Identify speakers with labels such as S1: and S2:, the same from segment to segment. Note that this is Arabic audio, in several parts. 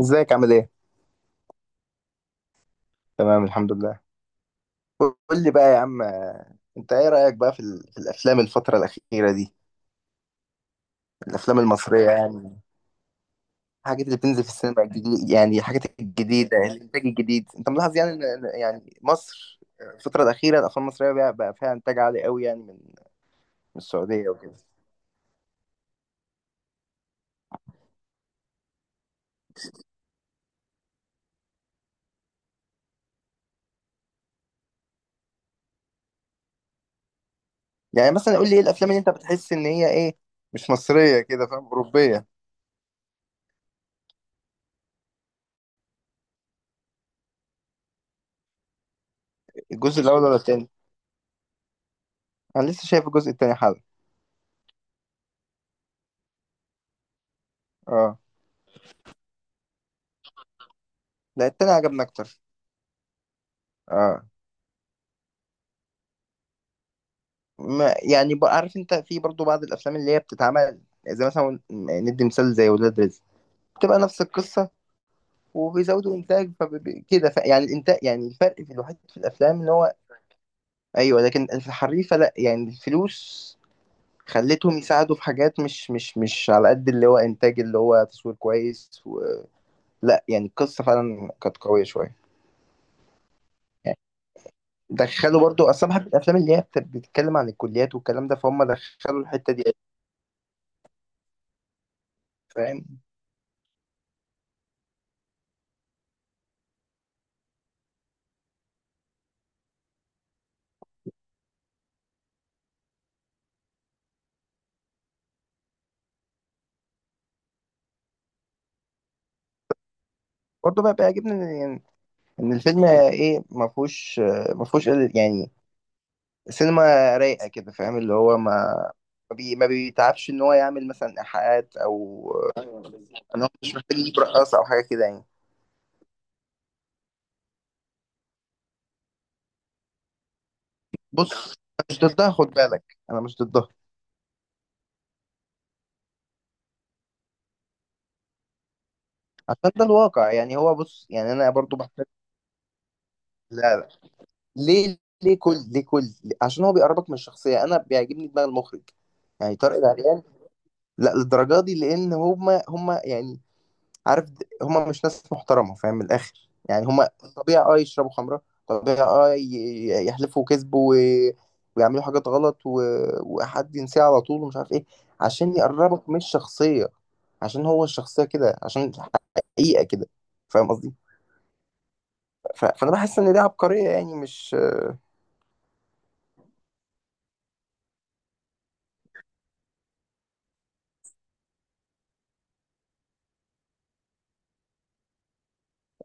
S1: ازيك عامل ايه؟ تمام الحمد لله. قول لي بقى يا عم، انت ايه رأيك بقى في الافلام الفترة الأخيرة دي؟ الافلام المصرية يعني، الحاجات اللي بتنزل في السينما الجديد، يعني الحاجات الجديدة، الانتاج الجديد. انت ملاحظ يعني يعني مصر، الفترة الأخيرة الافلام المصرية بقى فيها انتاج عالي قوي، يعني من السعودية وكده. يعني مثلا قول لي ايه الافلام اللي انت بتحس ان هي ايه، مش مصرية كده، فاهم؟ أوروبية. الجزء الأول ولا التاني؟ انا لسه شايف الجزء التاني حالا. اه، لا، التاني عجبني اكتر. اه، ما يعني بقى، عارف انت في برضو بعض الافلام اللي هي بتتعمل زي مثلا، ندي مثال، زي ولاد رزق، بتبقى نفس القصه وبيزودوا انتاج فكده، ف... يعني الانتاج، يعني الفرق في الوحيد في الافلام ان هو، ايوه، لكن في الحريفه لا، يعني الفلوس خلتهم يساعدوا في حاجات مش على قد اللي هو انتاج، اللي هو تصوير كويس و... لا يعني القصه فعلا كانت قويه شويه يعني. دخلوا برضو اصلا، بحب الافلام اللي هي بتتكلم عن الكليات والكلام ده، فهم دخلوا الحته دي. فاهم؟ برضه بقى بيعجبني ان الفيلم ايه، ما فيهوش، يعني سينما رايقه كده، فاهم؟ اللي هو ما بيتعبش ان هو يعمل مثلا ايحاءات، او ان هو مش محتاج يجيب رقاصه او حاجه كده يعني. بص، أنا مش ضدها، خد بالك، انا مش ضدها، عشان ده الواقع يعني. هو بص، يعني انا برضو بحتاج. لا لا. ليه؟ ليه كل عشان هو بيقربك من الشخصيه. انا بيعجبني دماغ المخرج يعني، طارق العريان. لا للدرجه دي، لان هما يعني، عارف، هما مش ناس محترمة، فاهم؟ من الآخر يعني، هما طبيعي اه يشربوا خمرة، طبيعي اه يحلفوا كذب و... ويعملوا حاجات غلط و... وحد ينساه على طول ومش عارف ايه، عشان يقربك من الشخصية، عشان هو الشخصية كده، عشان حقيقة كده. فاهم قصدي؟ ف... فأنا بحس إن دي عبقرية يعني، مش...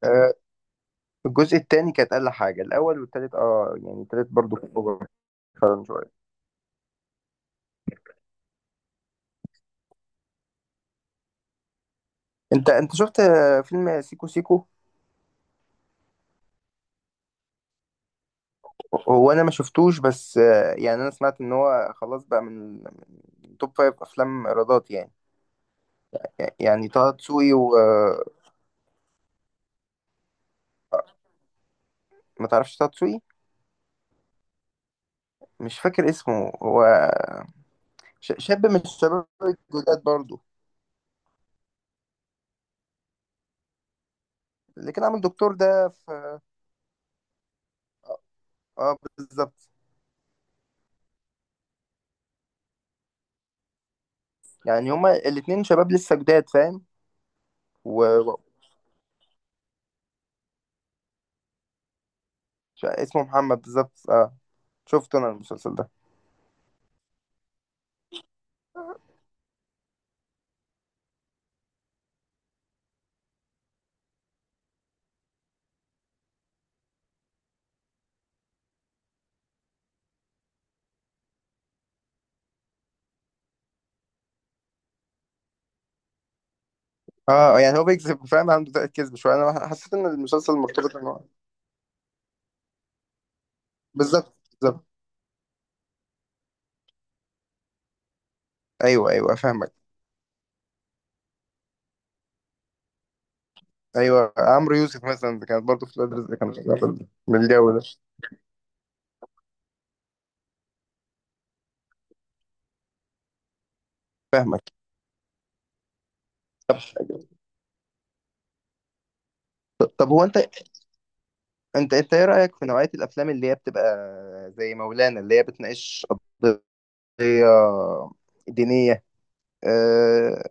S1: آه، الجزء التاني كانت أقل حاجة، الأول والتالت اه، يعني التالت برضو كان أوفر فعلا شوية. أنت شفت فيلم سيكو سيكو؟ هو انا ما شفتوش، بس يعني انا سمعت ان هو خلاص بقى من توب فايف افلام ايرادات يعني. يعني طه دسوقي وما... تعرفش طه دسوقي؟ مش فاكر اسمه هو، شاب من الشباب الجداد برضو. اللي كان عامل دكتور ده في... اه، بالظبط. يعني هما الاتنين شباب لسه جداد، فاهم؟ و... و- اسمه محمد بالظبط، اه. شفت انا المسلسل ده. اه، يعني هو بيكذب، فاهم؟ عنده طاقة كذب شويه. انا حسيت ان المسلسل مرتبط ان هو بالظبط. بالظبط. ايوه ايوه، فاهمك. ايوه، عمرو يوسف مثلا كانت برضه في ولاد رزق، كانت شغاله من الجو ده. فاهمك. طب، طب هو انت انت ايه رايك في نوعيه الافلام اللي هي بتبقى زي مولانا، اللي هي بتناقش قضيه دينيه، أه،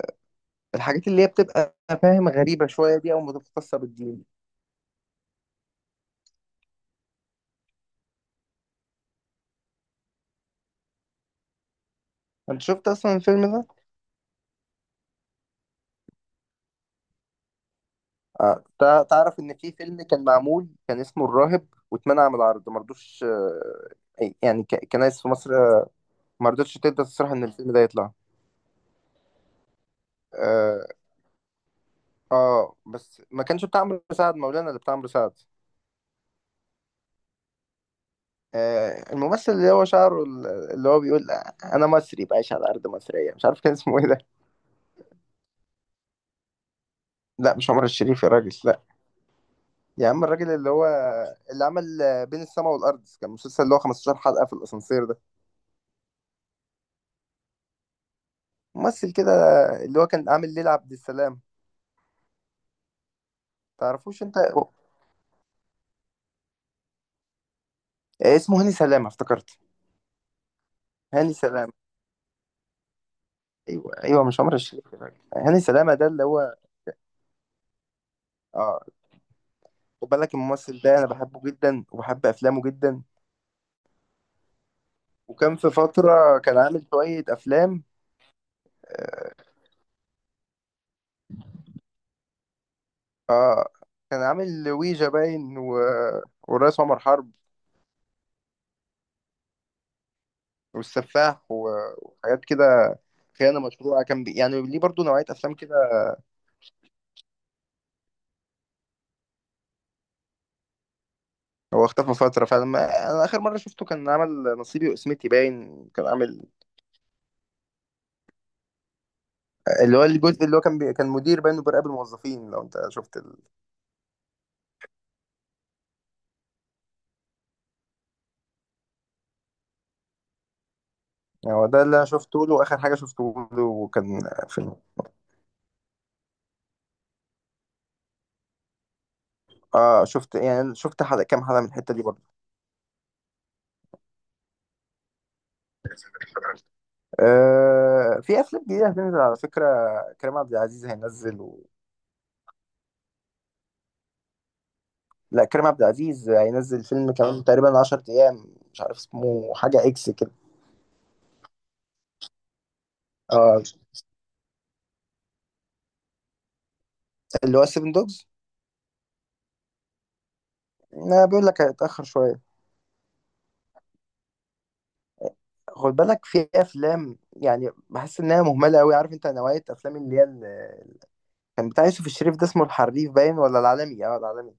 S1: الحاجات اللي هي بتبقى فاهم غريبه شويه دي، او متخصصه بالدين. انت شفت اصلا الفيلم ده؟ تعرف ان في فيلم كان معمول، كان اسمه الراهب، واتمنع من العرض، ما رضوش يعني كنايس في مصر ما رضتش تبدا تصرح ان الفيلم ده يطلع. آه، اه، بس ما كانش بتاع عمرو سعد، مولانا اللي بتاع عمرو سعد. آه، الممثل اللي هو شعره اللي هو بيقول انا مصري بعيش على ارض مصريه، مش عارف كان اسمه ايه ده. لا مش عمر الشريف يا راجل، لا. يا عم، الراجل اللي هو اللي عمل بين السماء والارض، كان مسلسل اللي هو 15 حلقه، في الاسانسير ده، ممثل كده اللي هو كان عامل ليلى عبد السلام. تعرفوش انت؟ اسمه هاني سلامه، افتكرت. هاني سلامه. ايوه ايوه، مش عمر الشريف يا راجل، هاني سلامه ده اللي هو. اه، خد بالك الممثل ده انا بحبه جدا، وبحب افلامه جدا. وكان في فترة كان عامل شوية أفلام. آه، آه، كان عامل ويجا باين و... والرئيس عمر حرب والسفاح و... وحاجات كده. خيانة مشروعة، كان بي... يعني ليه برضو نوعية أفلام كده. هو اختفى فترة، فلما أنا آخر مرة شفته كان عمل نصيبي وقسمتي باين، كان عامل اللي هو الجزء اللي هو كان بي... كان مدير باين وبيراقب الموظفين، لو أنت شفت ال... يعني هو ده اللي أنا شفته له، آخر حاجة شفته له كان فيلم. آه، شفت يعني، شفت حلقة، كام حلقة من الحتة دي برضو. في افلام جديده هتنزل على فكره. كريم عبد العزيز هينزل و... لا كريم عبد العزيز هينزل فيلم كمان تقريبا 10 ايام، مش عارف اسمه، حاجه اكس كده. آه، اللي هو سيفن دوجز. انا بيقول لك هيتاخر شويه. خد بالك في افلام يعني بحس انها مهمله قوي، عارف انت، نوعيه افلام اللي هي كان بتاع يوسف الشريف ده، اسمه الحريف باين ولا العالمي، اه العالمي.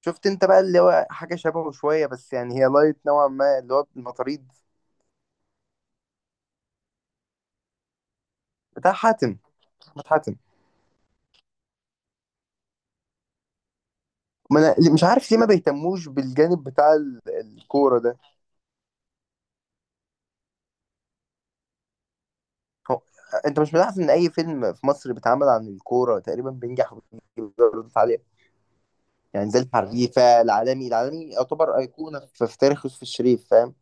S1: شفت انت بقى اللي هو حاجه شبهه شويه، بس يعني هي لايت نوعا ما، اللي هو المطاريد، بتاع حاتم، احمد حاتم. ما انا مش عارف ليه ما بيهتموش بالجانب بتاع الكوره ده. هو انت مش ملاحظ ان اي فيلم في مصر بيتعمل عن الكوره تقريبا بينجح وبيجيب ايرادات عاليه؟ يعني زي الحريفه، العالمي، العالمي يعتبر ايقونه في تاريخ يوسف الشريف، فاهم؟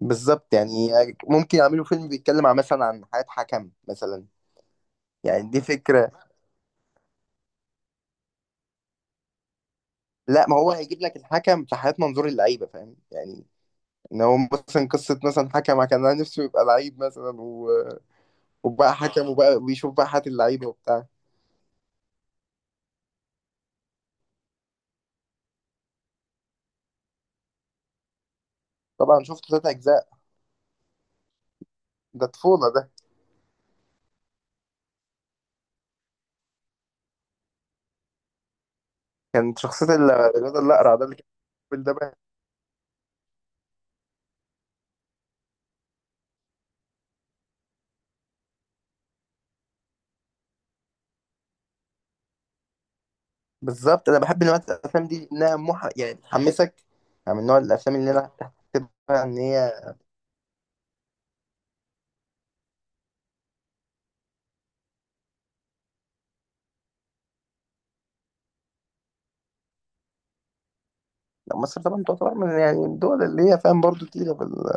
S1: بالظبط يعني. ممكن يعملوا فيلم بيتكلم عن مثلا، عن حياه حكم مثلا. يعني دي فكره. لا، ما هو هيجيب لك الحكم في حياه منظور اللعيبه، فاهم يعني؟ ان هو مثلا قصه، مثلا حكم كان نفسه يبقى لعيب مثلا و... وبقى حكم، وبقى بيشوف بقى حياه اللعيبه وبتاع. طبعا شفت تلات اجزاء. ده طفوله ده. كان شخصيه الواد الاقرع ده اللي كان بيقول ده بقى. بالظبط، انا بحب نوع الافلام دي، انها مح... يعني تحمسك، يعني من نوع الافلام اللي انا تحسبها ان هي... لا، مصر طبعا تعتبر من يعني الدول اللي هي فاهم برضو تقيله بال...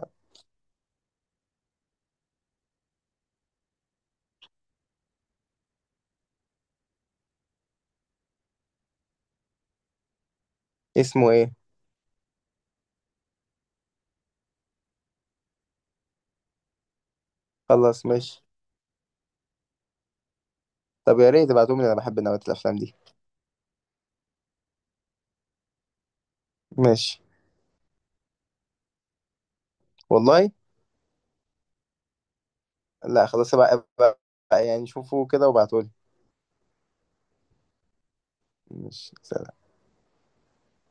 S1: اسمه ايه؟ خلاص، ماشي. طب يا ريت تبعتهم لي، انا بحب نوع الافلام دي. ماشي. والله. لا خلاص، بقى. يعني شوفوا كده وابعتوا لي. ماشي، سلام.